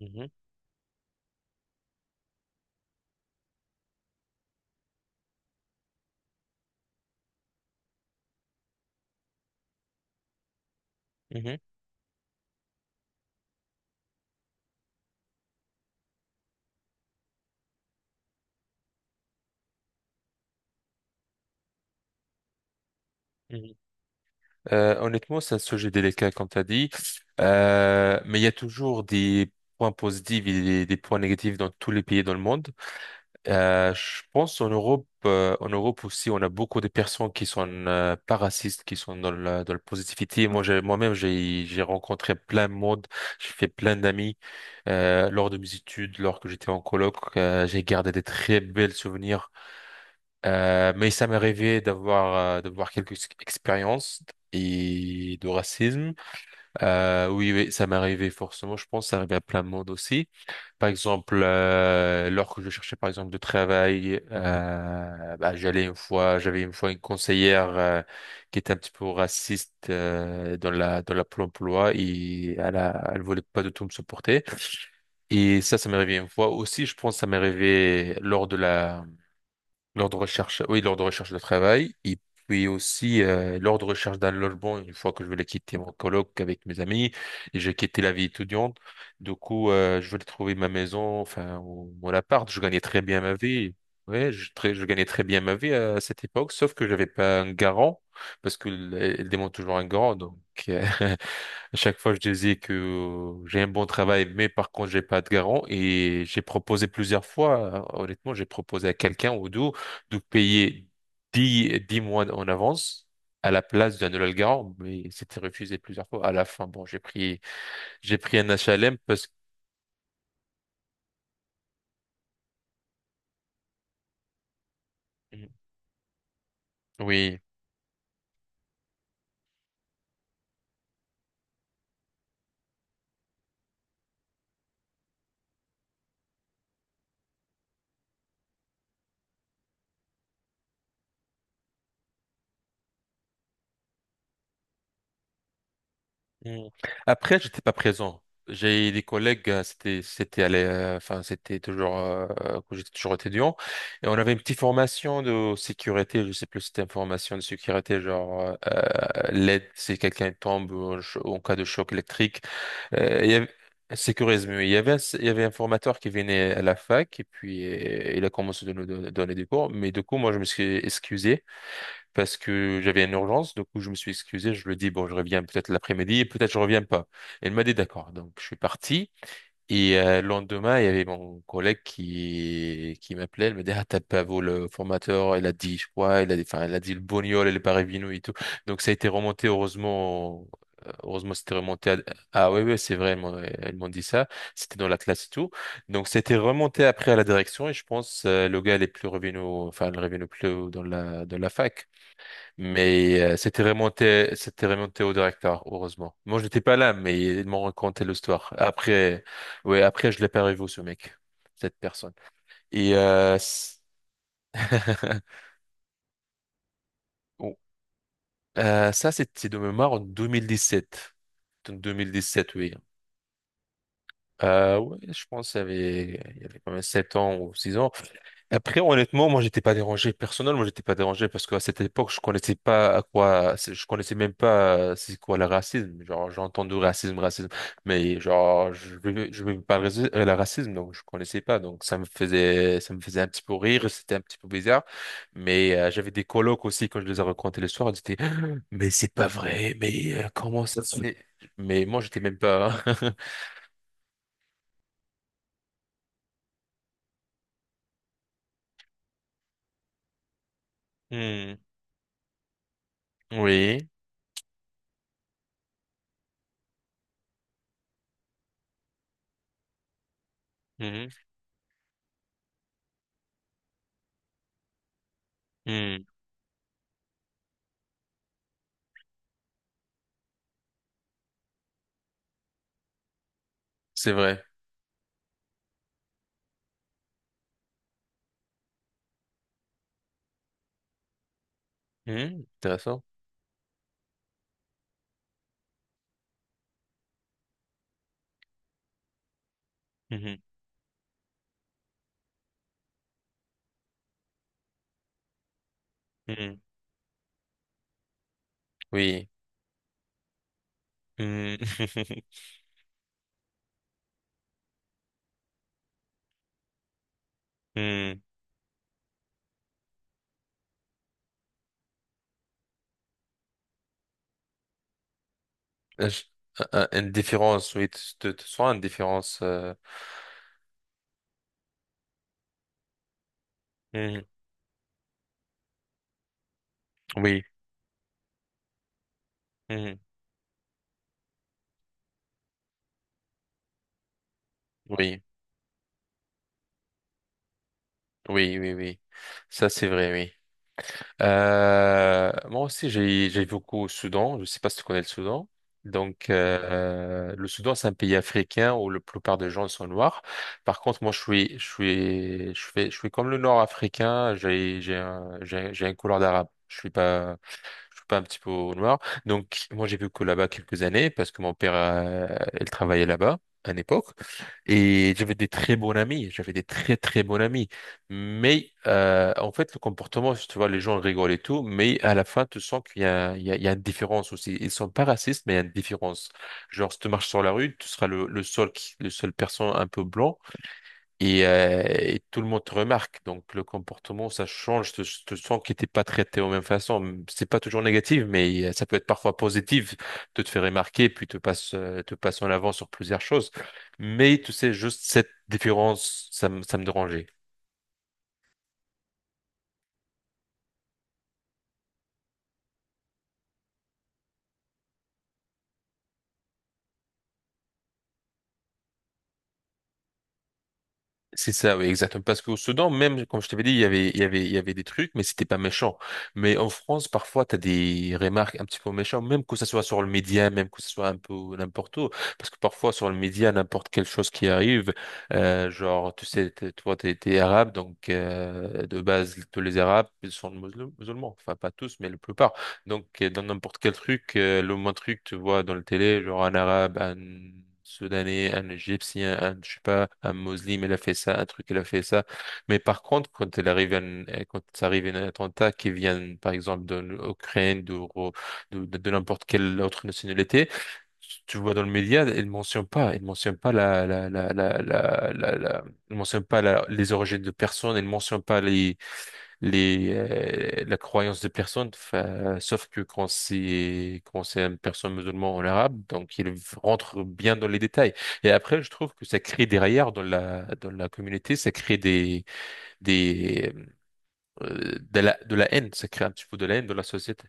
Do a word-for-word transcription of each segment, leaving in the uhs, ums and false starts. Mhm, mhm, mhm. Euh, honnêtement, c'est un sujet délicat, comme tu as dit. Euh, mais il y a toujours des points positifs et des, des points négatifs dans tous les pays dans le monde. Euh, je pense en Europe, euh, en Europe aussi, on a beaucoup de personnes qui sont euh, pas racistes, qui sont dans la, dans la positivité. Moi, j'ai, moi-même, j'ai, j'ai rencontré plein de monde, j'ai fait plein d'amis euh, lors de mes études, lors que j'étais en coloc. Euh, j'ai gardé des très belles souvenirs. Euh, mais ça m'est arrivé d'avoir euh, d'avoir quelques ex- expériences et de racisme. Euh, oui, oui, ça m'est arrivé forcément. Je pense que ça arrive à plein de monde aussi. Par exemple, euh, lorsque je cherchais par exemple de travail, euh, bah, j'allais une fois, j'avais une fois une conseillère euh, qui était un petit peu raciste euh, dans la dans la Pôle emploi et elle a, elle voulait pas du tout me supporter. Et ça, ça m'est arrivé une fois aussi. Je pense que ça m'est arrivé lors de la l'ordre de recherche, oui, l'ordre de recherche de travail, et puis aussi euh, l'ordre de recherche d'un logement une fois que je voulais quitter mon coloc avec mes amis, et j'ai quitté la vie étudiante. Du coup, euh, je voulais trouver ma maison, enfin, ou mon appart. Je gagnais très bien ma vie. Ouais, je, très, je gagnais très bien ma vie à cette époque, sauf que j'avais pas un garant, parce qu'elle demande toujours un garant, donc euh, À chaque fois, je disais que euh, j'ai un bon travail, mais par contre, j'ai pas de garant. Et j'ai proposé plusieurs fois, euh, honnêtement, j'ai proposé à quelqu'un ou deux de payer dix dix mois en avance à la place d'un nouvel garant, mais c'était refusé plusieurs fois. À la fin, bon, j'ai pris, j'ai pris un H L M parce que, oui. Mm. Après, j'étais pas présent. J'ai des collègues, euh, c'était c'était à l'é- euh, enfin c'était toujours euh, quand j'étais toujours étudiant et on avait une petite formation de sécurité, je sais plus si c'était une formation de sécurité genre euh, euh, l'aide si quelqu'un tombe ou en, cho- ou en cas de choc électrique, euh, il y avait, sécurise mieux. Il y avait un, il y avait un formateur qui venait à la fac et puis euh, il a commencé de nous don- donner des cours, mais du coup moi je me suis excusé parce que j'avais une urgence. Du coup, je me suis excusé. Je lui ai dit, bon, je reviens peut-être l'après-midi et peut-être je reviens pas. Elle m'a dit d'accord. Donc, je suis parti. Et euh, le lendemain, il y avait mon collègue qui, qui m'appelait. Elle me dit, ah, t'as pas vu le formateur. Elle a dit, je crois, elle a dit, enfin, elle a dit le Bognol et le Parevino et tout. Donc, ça a été remonté, heureusement. euh, Heureusement, c'était remonté à... Ah oui, oui, c'est vrai, elles m'ont elles m'ont dit ça. C'était dans la classe et tout. Donc, c'était remonté après à la direction et je pense euh, le gars, il est plus revenu, au- enfin, il est revenu plus haut dans la, dans la fac. Mais euh, c'était remonté, c'était remonté au directeur, heureusement. Moi, j'étais pas là, mais ils m'ont raconté l'histoire. Après, ouais, après, je l'ai pas revu ce mec, cette personne. Et euh, c- oh, euh, ça, c'était de mémoire en deux mille dix-sept. En deux mille dix-sept, oui. Euh, ouais, je pense qu'il y avait, il y avait quand même sept ans ou six ans. Après, honnêtement, moi, j'étais pas dérangé. Personnellement, j'étais pas dérangé parce qu'à cette époque, je connaissais pas à quoi, je connaissais même pas euh, c'est quoi le racisme. Genre, j'ai entendu racisme, racisme, mais genre, je vivais, je vivais pas le raci- euh, le racisme, donc je connaissais pas. Donc, ça me faisait, ça me faisait un petit peu rire, c'était un petit peu bizarre. Mais euh, j'avais des colocs aussi quand je les ai racontés le soir, ils étaient, mais c'est pas vrai, mais euh, comment ça se fait? Mais moi, j'étais même pas. Hmm. Oui. Hmm, hmm, c'est vrai. Hmm, intéressant. Mmh. Hmm. Oui. Hmm. Hmm. Euh, je- euh, euh, Une différence, oui, tu tu- tu une différence. euh, Mhm. Oui, mhm. oui, oui, oui, oui, Ça, c'est vrai, oui. Euh, moi aussi, j'ai j'ai beaucoup au Soudan. Je sais pas si tu connais le Soudan. Donc, euh, le Soudan, c'est un pays africain où la plupart des gens sont noirs. Par contre, moi, je suis, je suis, je fais, je suis comme le Nord africain. J'ai, j'ai un, j'ai, j'ai une couleur d'arabe. Je suis pas. Je suis pas un petit peu au noir. Donc, moi, j'ai vécu là-bas quelques années parce que mon père, euh, il travaillait là-bas à une époque. Et j'avais des très bons amis. J'avais des très, très bons amis. Mais, euh, en fait, le comportement, tu vois, les gens rigolent et tout, mais à la fin, tu sens qu'il y a, il y a, il y a une différence aussi. Ils sont pas racistes, mais il y a une différence. Genre, si tu marches sur la rue, tu seras le, le seul qui, le seul personne un peu blanc. Et, euh, et tout le monde te remarque. Donc le comportement, ça change. Je te, je te sens que t'es pas traité de la même façon. C'est pas toujours négatif, mais euh, ça peut être parfois positif de te faire remarquer, puis te passe, euh, te passe en avant sur plusieurs choses. Mais tu sais, juste cette différence, ça, me- ça me dérangeait. C'est ça, oui, exactement. Parce qu'au Soudan, même, comme je t'avais dit, il y avait, il y avait, il y avait des trucs, mais c'était pas méchant. Mais en France, parfois, t'as des remarques un petit peu méchantes, même que ça soit sur le média, même que ce soit un peu n'importe où. Parce que parfois, sur le média, n'importe quelle chose qui arrive, euh, genre, tu sais, t'es- toi, t'es, t'es arabe, donc, euh, de base, tous les arabes ils sont musulmans. Enfin, pas tous, mais la plupart. Donc, euh, dans n'importe quel truc, euh, le moins truc, tu vois, dans le télé, genre un arabe, un soudanais, un égyptien, un, je sais pas, un musulman, il a fait ça, un truc, il a fait ça. Mais par contre, quand il arrive un, euh, quand ça arrive un attentat qui vient, par exemple, de l'Ukraine, de, de, de, de n'importe quelle autre nationalité, tu vois dans le média, ils mentionnent pas, ils mentionnent pas la, la, la, la, la, la, la- ils mentionnent pas la- les origines de personnes, ils mentionnent pas les, les euh, la croyance des personnes fa- sauf que quand c'est quand c'est une personne musulmane en arabe donc il rentre bien dans les détails et après je trouve que ça crée derrière dans la dans la communauté ça crée des des euh, de la de la haine, ça crée un petit peu de la haine dans la société.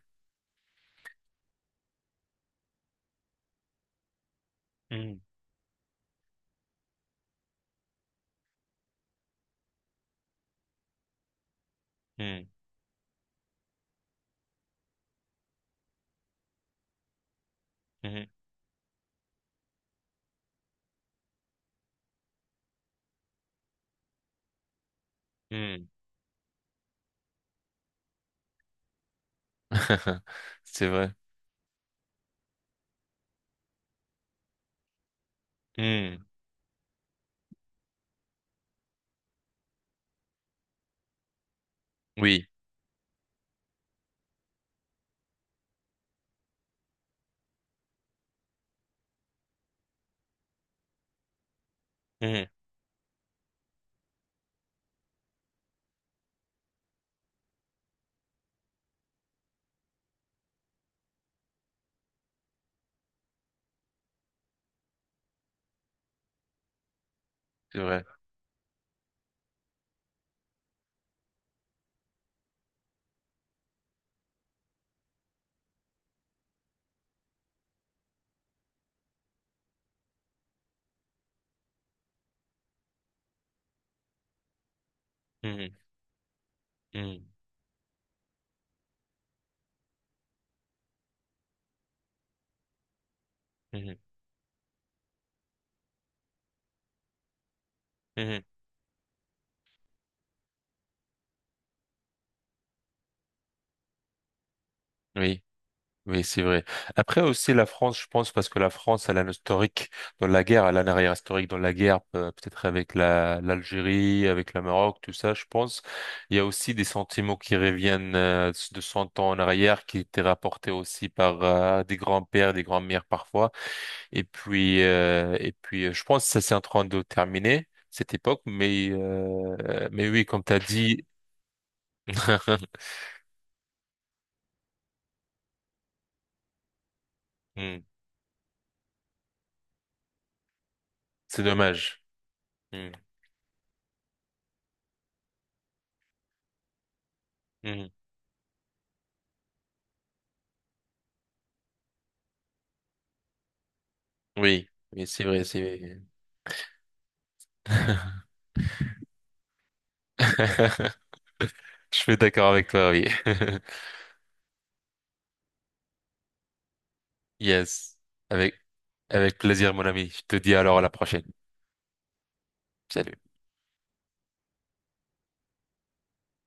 Hmm, hmm, hmm, hmm. C'est vrai. Hmm, oui. Hmm, c'est vrai. Hmm, hmm, hmm, hmm. Oui. Oui, c'est vrai. Après aussi la France, je pense, parce que la France, elle a un historique dans la guerre, elle a un arrière historique dans la guerre, pe- peut-être avec la l'Algérie, avec le Maroc, tout ça, je pense. Il y a aussi des sentiments qui reviennent euh, de cent ans en arrière, qui étaient rapportés aussi par euh, des grands-pères, des grands-mères parfois. Et puis, euh, et puis, euh, je pense que ça c'est en train de terminer cette époque, mais euh, mais oui, comme t'as dit, hmm, c'est dommage. Hmm, hmm. Oui, oui, c'est vrai, c'est vrai. Je suis d'accord avec toi, oui. Yes. Avec, avec plaisir, mon ami. Je te dis alors à la prochaine. Salut.